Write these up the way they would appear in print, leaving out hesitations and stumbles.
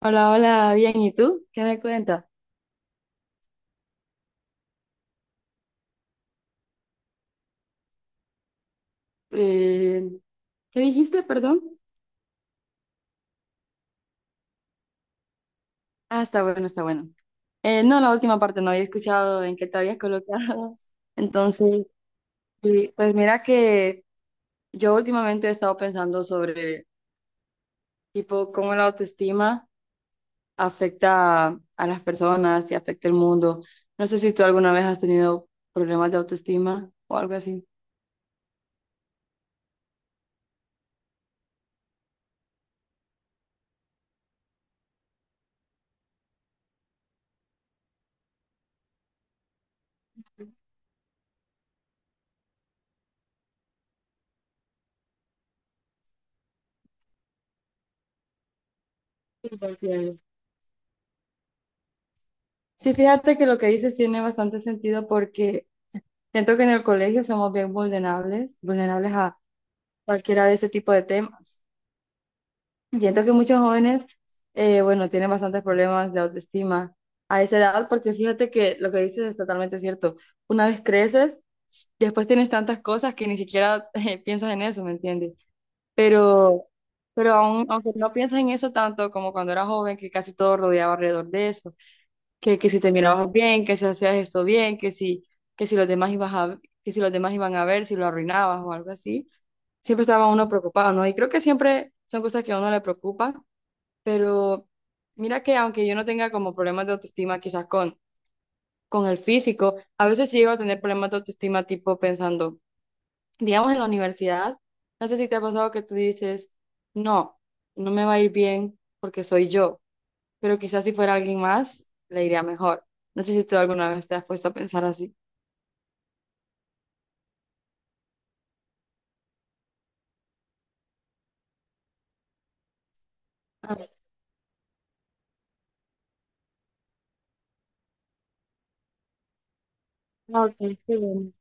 Hola, hola, bien, ¿y tú? ¿Qué me cuentas? Eh, ¿Qué dijiste, perdón? Ah, está bueno, está bueno. No, la última parte no había escuchado en qué te habías colocado. Entonces, sí, pues mira que yo últimamente he estado pensando sobre, tipo, cómo la autoestima afecta a las personas y afecta el mundo. No sé si tú alguna vez has tenido problemas de autoestima o algo así. Sí, porque- sí, fíjate que lo que dices tiene bastante sentido porque... Siento que en el colegio somos bien vulnerables, vulnerables a cualquiera de ese tipo de temas. Siento que muchos jóvenes, bueno, tienen bastantes problemas de autoestima a esa edad, porque fíjate que lo que dices es totalmente cierto. Una vez creces, después tienes tantas cosas que ni siquiera piensas en eso, ¿me entiendes? Pero, pero aún, aunque no piensas en eso tanto como cuando era joven, que casi todo rodeaba alrededor de eso que si te mirabas bien, que si hacías esto bien, que si los demás ibas a, que si los demás iban a ver, si lo arruinabas o algo así. Siempre estaba uno preocupado, ¿no? Y creo que siempre son cosas que a uno le preocupa, pero mira que aunque yo no tenga como problemas de autoestima quizás con el físico, a veces sí llego a tener problemas de autoestima tipo pensando, digamos en la universidad, no sé si te ha pasado que tú dices, no, no me va a ir bien porque soy yo pero quizás si fuera alguien más, le iría mejor. No sé si tú alguna vez te has puesto a pensar así. Ah, ok, sí, bueno.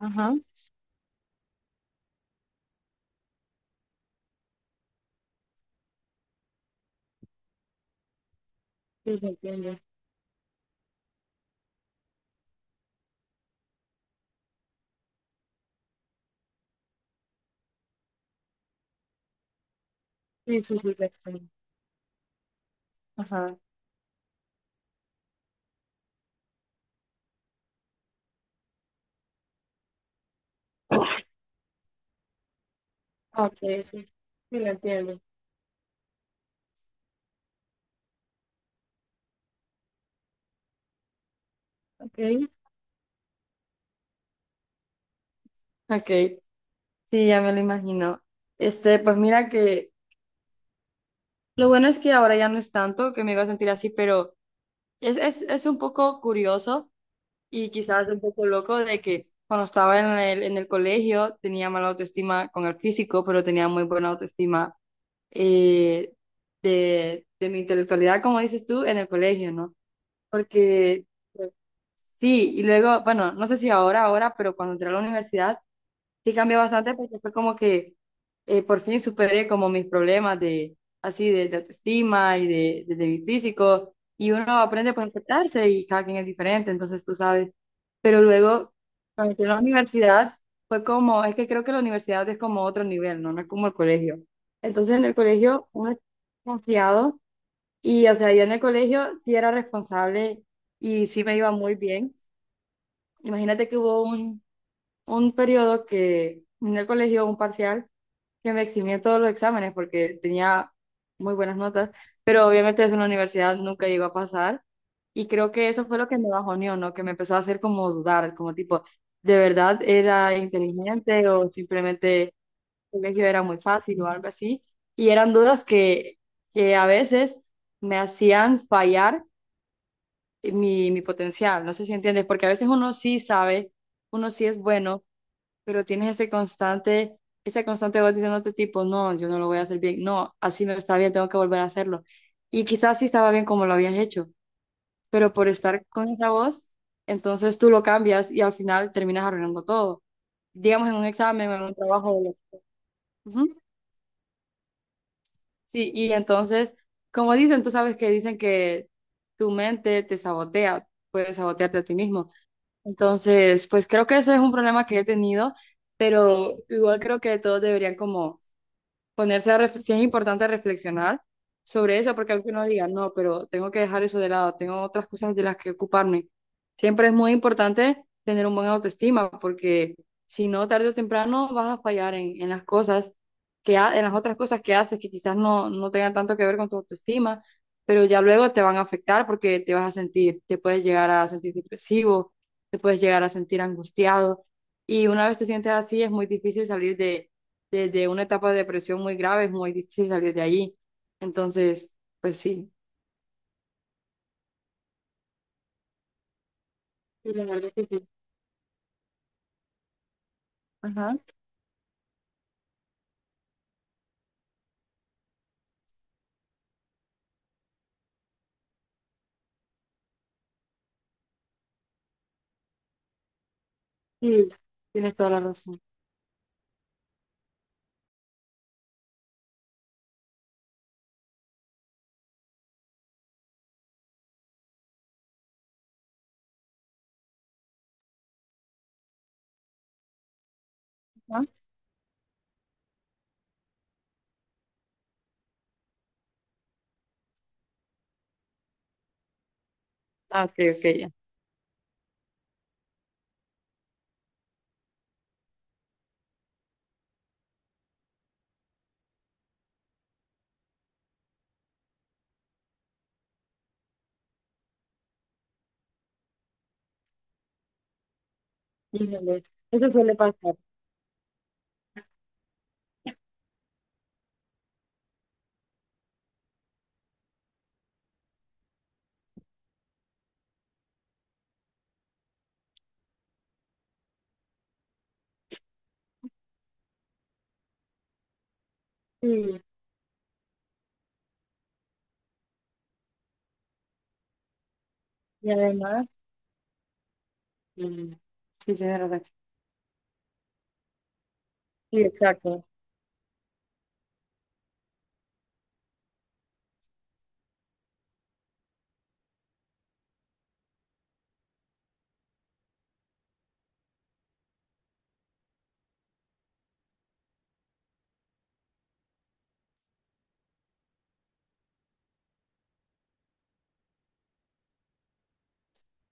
Ajá, sí, lo entiendo. Sí, sí, sí, te entiendo. Ajá. Ah, ok, sí, sí, lo entiendo. Ok. Ok, sí, ya me lo imagino. Este, pues mira que lo bueno es que ahora ya no es tanto que me iba a sentir así, pero es un poco curioso y quizás un poco loco de que cuando estaba en el colegio tenía mala autoestima con el físico, pero tenía muy buena autoestima eh, de mi intelectualidad, como dices tú, en el colegio, ¿no? Porque pues, sí, y luego, bueno, no sé si ahora, pero cuando entré a la universidad, sí cambió bastante porque fue como que por fin superé como mis problemas de así de autoestima y de mi físico y uno aprende pues a aceptarse y cada quien es diferente, entonces tú sabes. Pero luego cuando entré a la universidad fue como, es que creo que la universidad es como otro nivel, ¿no? No es como el colegio. Entonces en el colegio uno es confiado y o sea, yo en el colegio sí era responsable y sí me iba muy bien. Imagínate que hubo un periodo que en el colegio, un parcial, que me eximía todos los exámenes porque tenía muy buenas notas, pero obviamente eso en la universidad nunca iba a pasar. Y creo que eso fue lo que me bajoneó, ¿no? Que me empezó a hacer como dudar, como tipo, ¿de verdad era inteligente o simplemente el colegio era muy fácil o algo así? Y eran dudas que a veces me hacían fallar mi potencial, no sé si entiendes, porque a veces uno sí sabe, uno sí es bueno pero tienes ese constante, esa constante voz diciéndote tipo, no, yo no lo voy a hacer bien, no, así no está bien, tengo que volver a hacerlo. Y quizás sí estaba bien como lo habías hecho, pero por estar con esa voz, entonces tú lo cambias y al final terminas arruinando todo, digamos en un examen o en un trabajo. Ujú. Sí, y entonces, como dicen, tú sabes que dicen que tu mente te sabotea, puedes sabotearte a ti mismo. Entonces, pues creo que ese es un problema que he tenido, pero igual creo que todos deberían como sí es importante reflexionar sobre eso, porque aunque uno diga, no, pero tengo que dejar eso de lado, tengo otras cosas de las que ocuparme. Siempre es muy importante tener un buen autoestima, porque si no, tarde o temprano vas a fallar en las cosas en las otras cosas que haces que quizás no tengan tanto que ver con tu autoestima, pero ya luego te van a afectar porque te vas a sentir, te puedes llegar a sentir depresivo, te puedes llegar a sentir angustiado, y una vez te sientes así es muy difícil salir de desde una etapa de depresión muy grave, es muy difícil salir de ahí. Entonces, pues sí. Sí, la verdad es que sí. Ajá. Sí, tienes toda la razón. Ajá. Ah, ok, ok, ya. Híjole, eso suele pasar. Sí, y además, sí, sí, tienes razón. Sí, exacto.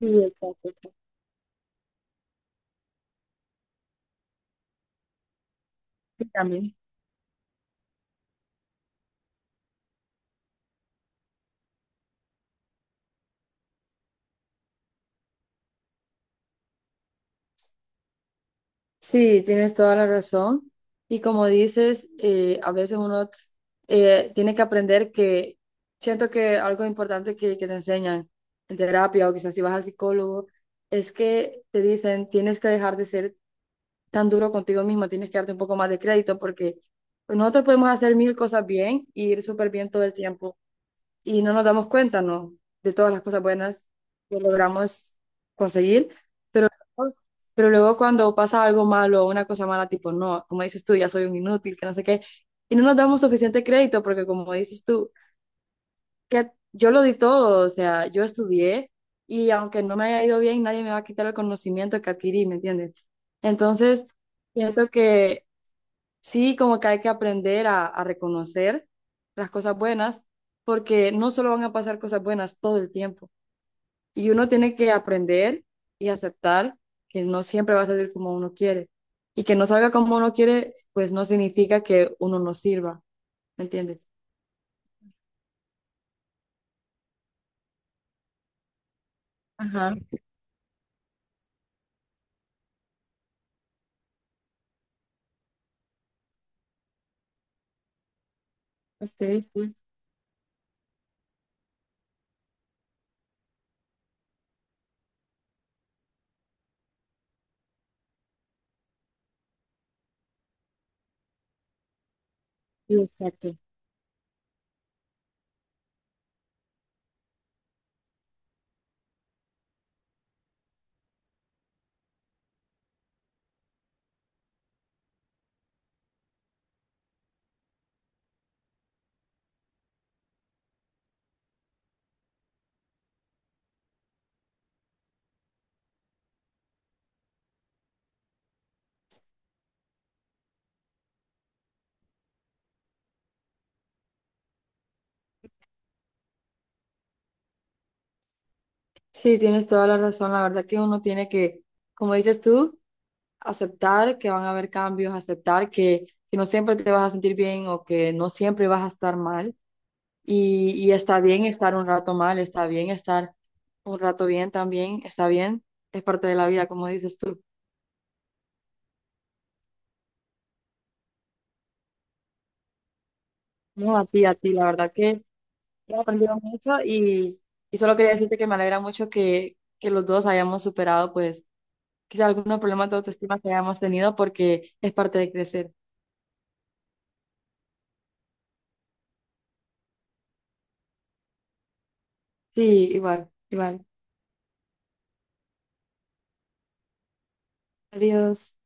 Sí, exacto. Sí, también. Sí, tienes toda la razón. Y como dices, a veces uno tiene que aprender que siento que algo importante que te enseñan en terapia o quizás si vas al psicólogo es que te dicen tienes que dejar de ser tan duro contigo mismo, tienes que darte un poco más de crédito porque nosotros podemos hacer mil cosas bien y ir súper bien todo el tiempo y no nos damos cuenta, ¿no? De todas las cosas buenas que logramos conseguir, pero, pero luego cuando pasa algo malo o una cosa mala, tipo, no, como dices tú, ya soy un inútil, que no sé qué, y no nos damos suficiente crédito porque como dices tú, que yo lo di todo, o sea, yo estudié y aunque no me haya ido bien, nadie me va a quitar el conocimiento que adquirí, ¿me entiendes? Entonces, siento que... Sí, como que hay que aprender a reconocer las cosas buenas, porque no solo van a pasar cosas buenas todo el tiempo. Y uno tiene que aprender y aceptar que no siempre va a salir como uno quiere. Y que no salga como uno quiere, pues no significa que uno no sirva, ¿me entiendes? Ajá, ok, sí, sí, exacto. Sí, tienes toda la razón. La verdad que uno tiene que, como dices tú, aceptar que van a haber cambios, aceptar que no siempre te vas a sentir bien o que no siempre vas a estar mal. Y está bien estar un rato mal, está bien estar un rato bien también, está bien, es parte de la vida, como dices tú. No, a ti, la verdad que he aprendido mucho y solo quería decirte que me alegra mucho que los dos hayamos superado, pues, quizá algunos problemas de autoestima que hayamos tenido porque es parte de crecer. Sí, igual, igual. Adiós.